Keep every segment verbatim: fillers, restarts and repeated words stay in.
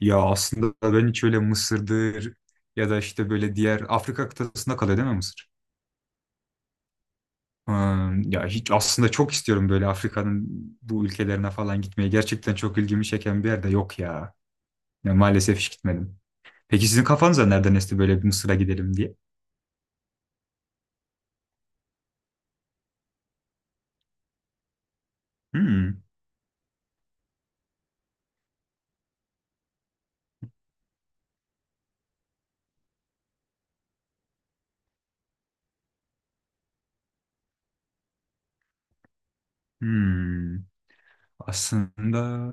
Ya aslında ben hiç öyle Mısır'dır ya da işte böyle diğer Afrika kıtasında kalıyor değil mi Mısır? Hmm, ya hiç aslında çok istiyorum böyle Afrika'nın bu ülkelerine falan gitmeye. Gerçekten çok ilgimi çeken bir yerde yok ya. Ya maalesef hiç gitmedim. Peki sizin kafanıza nereden esti böyle bir Mısır'a gidelim diye? Hmm, hmm. Aslında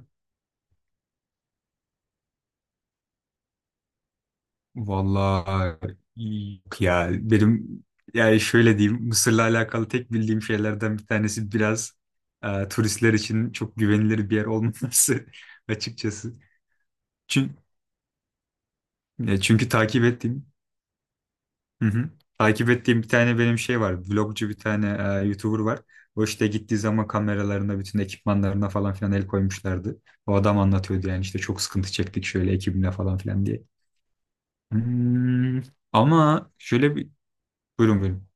vallahi yok ya benim, yani şöyle diyeyim, Mısır'la alakalı tek bildiğim şeylerden bir tanesi biraz e, turistler için çok güvenilir bir yer olmaması açıkçası. Çünkü, çünkü takip ettiğim Hı hı. Takip ettiğim bir tane benim şey var. Vlogcu bir tane e, YouTuber var. O işte gittiği zaman kameralarına, bütün ekipmanlarına falan filan el koymuşlardı. O adam anlatıyordu, yani işte çok sıkıntı çektik şöyle ekibimle falan filan diye. Hmm, ama şöyle bir. Buyurun buyurun.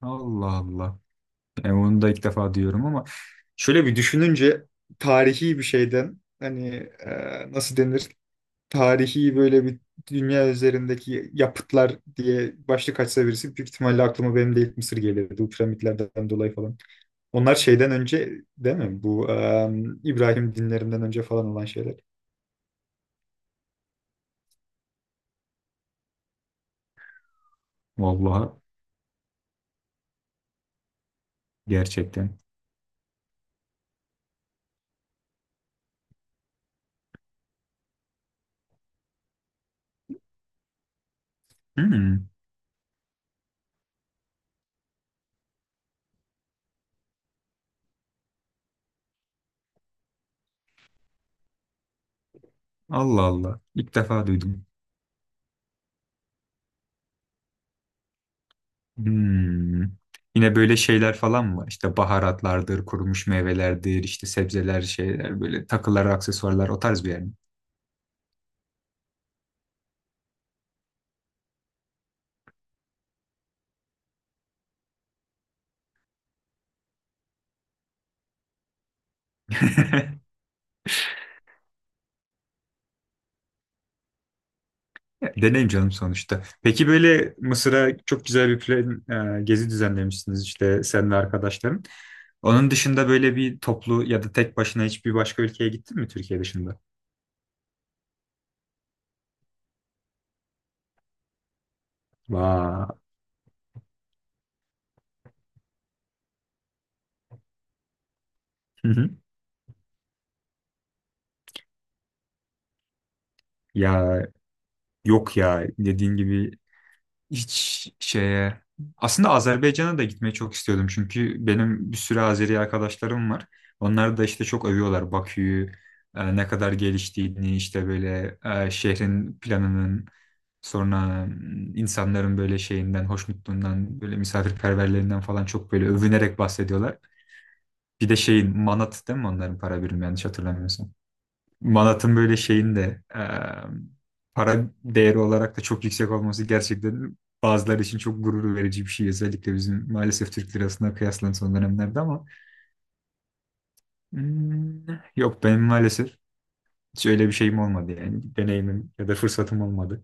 Allah Allah. Yani onu da ilk defa diyorum ama şöyle bir düşününce, tarihi bir şeyden, hani e, nasıl denir? Tarihi böyle bir dünya üzerindeki yapıtlar diye başlık açsa birisi, büyük ihtimalle aklıma benim de ilk Mısır gelirdi. Bu piramitlerden dolayı falan. Onlar şeyden önce değil mi? Bu em, İbrahim dinlerinden önce falan olan şeyler. Vallahi gerçekten. Hmm. Allah Allah. İlk defa duydum. Hmm. Yine böyle şeyler falan mı var? İşte baharatlardır, kurumuş meyvelerdir, işte sebzeler, şeyler, böyle takılar, aksesuarlar, o tarz bir yer mi? Ya, Deneyim canım sonuçta. Peki böyle Mısır'a çok güzel bir plan, e, gezi düzenlemişsiniz işte sen ve arkadaşların. Onun dışında böyle bir toplu ya da tek başına hiçbir başka ülkeye gittin mi Türkiye dışında? Vay. Hı hı. Ya, yok ya, dediğin gibi. Hiç şeye, aslında Azerbaycan'a da gitmeyi çok istiyordum çünkü benim bir sürü Azeri arkadaşlarım var. Onlar da işte çok övüyorlar Bakü'yü, e, ne kadar geliştiğini, işte böyle e, şehrin planının, sonra mm, insanların böyle şeyinden, hoşnutluğundan, böyle misafirperverlerinden falan çok böyle övünerek bahsediyorlar. Bir de şeyin Manat değil mi onların para birimi, yanlış hatırlamıyorsam. Manat'ın böyle şeyin de e, para değeri olarak da çok yüksek olması gerçekten bazıları için çok gurur verici bir şey. Özellikle bizim maalesef Türk lirasına kıyaslan son dönemlerde ama hmm, yok, benim maalesef hiç öyle bir şeyim olmadı yani. Deneyimim ya da fırsatım olmadı.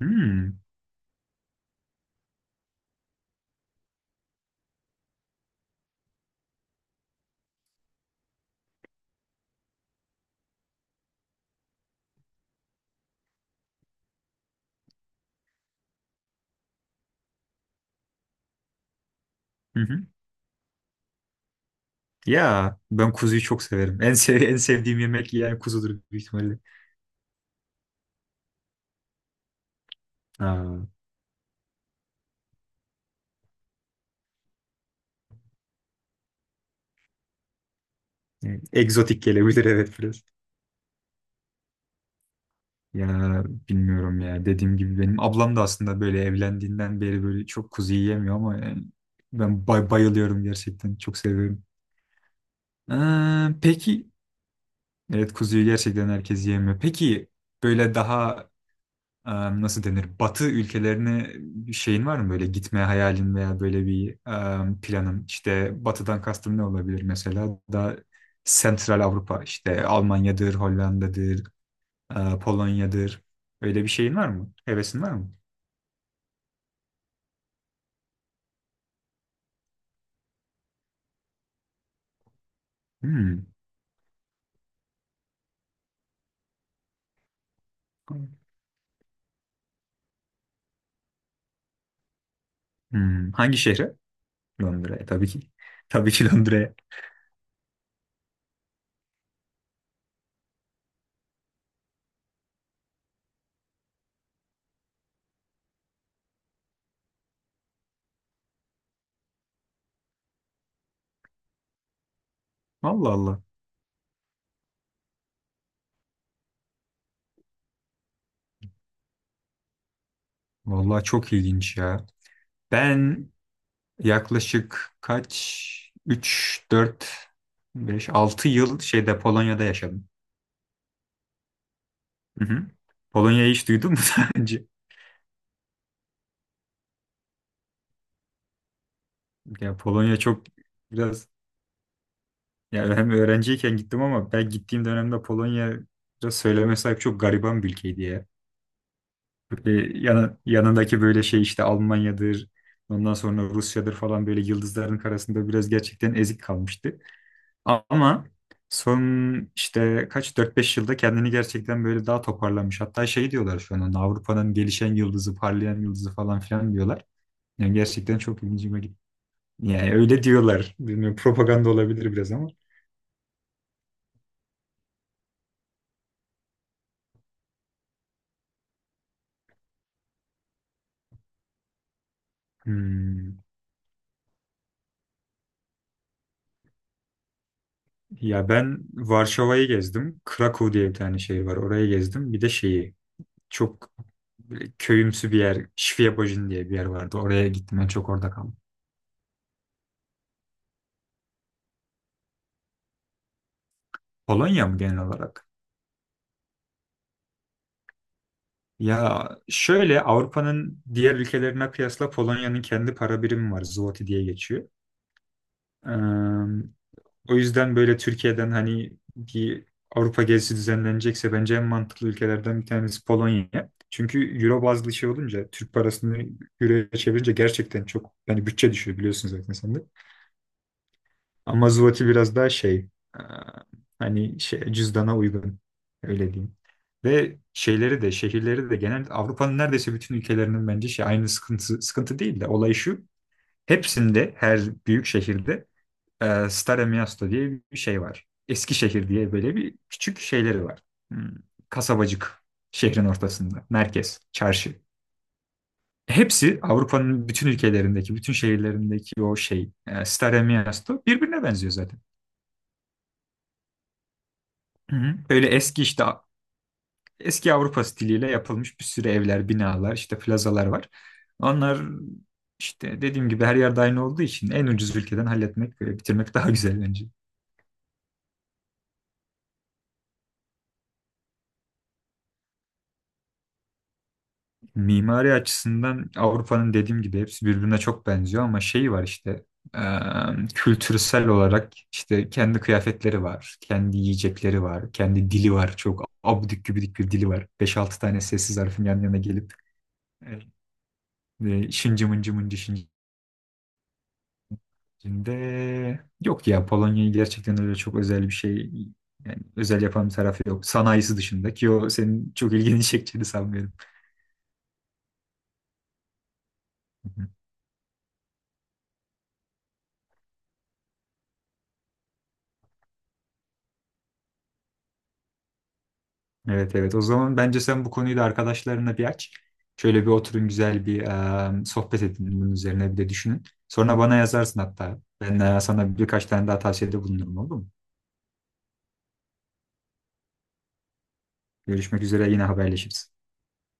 Hmm, Hı hı. Ya ben kuzuyu çok severim. En sev en sevdiğim yemek yani kuzudur büyük ihtimalle. Aa, evet. egzotik gelebilir, evet, biraz. Ya, bilmiyorum ya. Dediğim gibi, benim ablam da aslında böyle evlendiğinden beri böyle çok kuzu yiyemiyor ama yani ben bay- bayılıyorum gerçekten. Çok seviyorum. Ee, peki evet, kuzuyu gerçekten herkes yiyemiyor. Peki böyle daha e, nasıl denir? Batı ülkelerine bir şeyin var mı, böyle gitme hayalin veya böyle bir e, planın? İşte batıdan kastım ne olabilir mesela? Daha Sentral Avrupa, işte Almanya'dır, Hollanda'dır, e, Polonya'dır. Öyle bir şeyin var mı? Hevesin var mı? Hmm. Hmm. Hangi şehre? Londra'ya tabii ki. Tabii ki Londra'ya. Allah Allah. Vallahi çok ilginç ya. Ben yaklaşık kaç? üç dört beş altı yıl şeyde, Polonya'da yaşadım. Hı hı. Polonya'yı hiç duydun mu daha önce? Ya, Polonya çok biraz, yani hem öğrenciyken gittim ama ben gittiğim dönemde Polonya biraz söyleme sahip çok gariban bir ülkeydi ya. Böyle yana- yanındaki böyle şey, işte Almanya'dır, ondan sonra Rusya'dır falan, böyle yıldızların arasında biraz gerçekten ezik kalmıştı. Ama son işte kaç dört beş yılda kendini gerçekten böyle daha toparlamış. Hatta şey diyorlar şu an ona, Avrupa'nın gelişen yıldızı, parlayan yıldızı falan filan diyorlar. Yani gerçekten çok ilginçime gitti. Yani öyle diyorlar. Bilmiyorum, propaganda olabilir biraz ama. Hmm. Ya ben Varşova'yı gezdim. Krakow diye bir tane şehir var. Orayı gezdim. Bir de şeyi, çok köyümsü bir yer, Świebodzin diye bir yer vardı, oraya gittim. Ben çok orada kaldım. Polonya mı genel olarak? Ya şöyle, Avrupa'nın diğer ülkelerine kıyasla Polonya'nın kendi para birimi var. Zloty diye geçiyor. Ee, o yüzden böyle Türkiye'den hani bir Avrupa gezisi düzenlenecekse bence en mantıklı ülkelerden bir tanesi Polonya. Çünkü euro bazlı şey olunca Türk parasını euroya çevirince gerçekten çok, yani bütçe düşüyor, biliyorsun zaten sen de. Ama Zloty biraz daha şey, e, hani şey, cüzdana uygun, öyle diyeyim. Ve şeyleri de, şehirleri de genel Avrupa'nın neredeyse bütün ülkelerinin bence şey aynı, sıkıntı sıkıntı değil de, olay şu. Hepsinde, her büyük şehirde e, Stare Miasto diye bir şey var. Eskişehir diye böyle bir küçük şeyleri var. Hmm, kasabacık şehrin ortasında, merkez çarşı. Hepsi Avrupa'nın bütün ülkelerindeki, bütün şehirlerindeki o şey, e, Stare Miasto birbirine benziyor zaten. Hı hı. Böyle eski, işte eski Avrupa stiliyle yapılmış bir sürü evler, binalar, işte plazalar var. Onlar işte dediğim gibi her yerde aynı olduğu için en ucuz ülkeden halletmek ve bitirmek daha güzel bence. Mimari açısından Avrupa'nın dediğim gibi hepsi birbirine çok benziyor ama şeyi var işte, e, kültürsel olarak, işte kendi kıyafetleri var, kendi yiyecekleri var, kendi dili var. Çok abidik gübidik bir dili var. Beş altı tane sessiz harfin yan yana gelip e, e, şıncı mıncı mıncı şıncı. Şimdi, yok ya, Polonya'yı gerçekten öyle çok özel bir şey, yani özel yapan bir tarafı yok. Sanayisi dışında, ki o senin çok ilgini çekeceğini sanmıyorum. Hı. Evet evet, o zaman bence sen bu konuyu da arkadaşlarına bir aç. Şöyle bir oturun, güzel bir e, sohbet edin, bunun üzerine bir de düşünün. Sonra bana yazarsın hatta. Ben e, sana birkaç tane daha tavsiyede bulunurum, olur mu? Görüşmek üzere, yine haberleşiriz.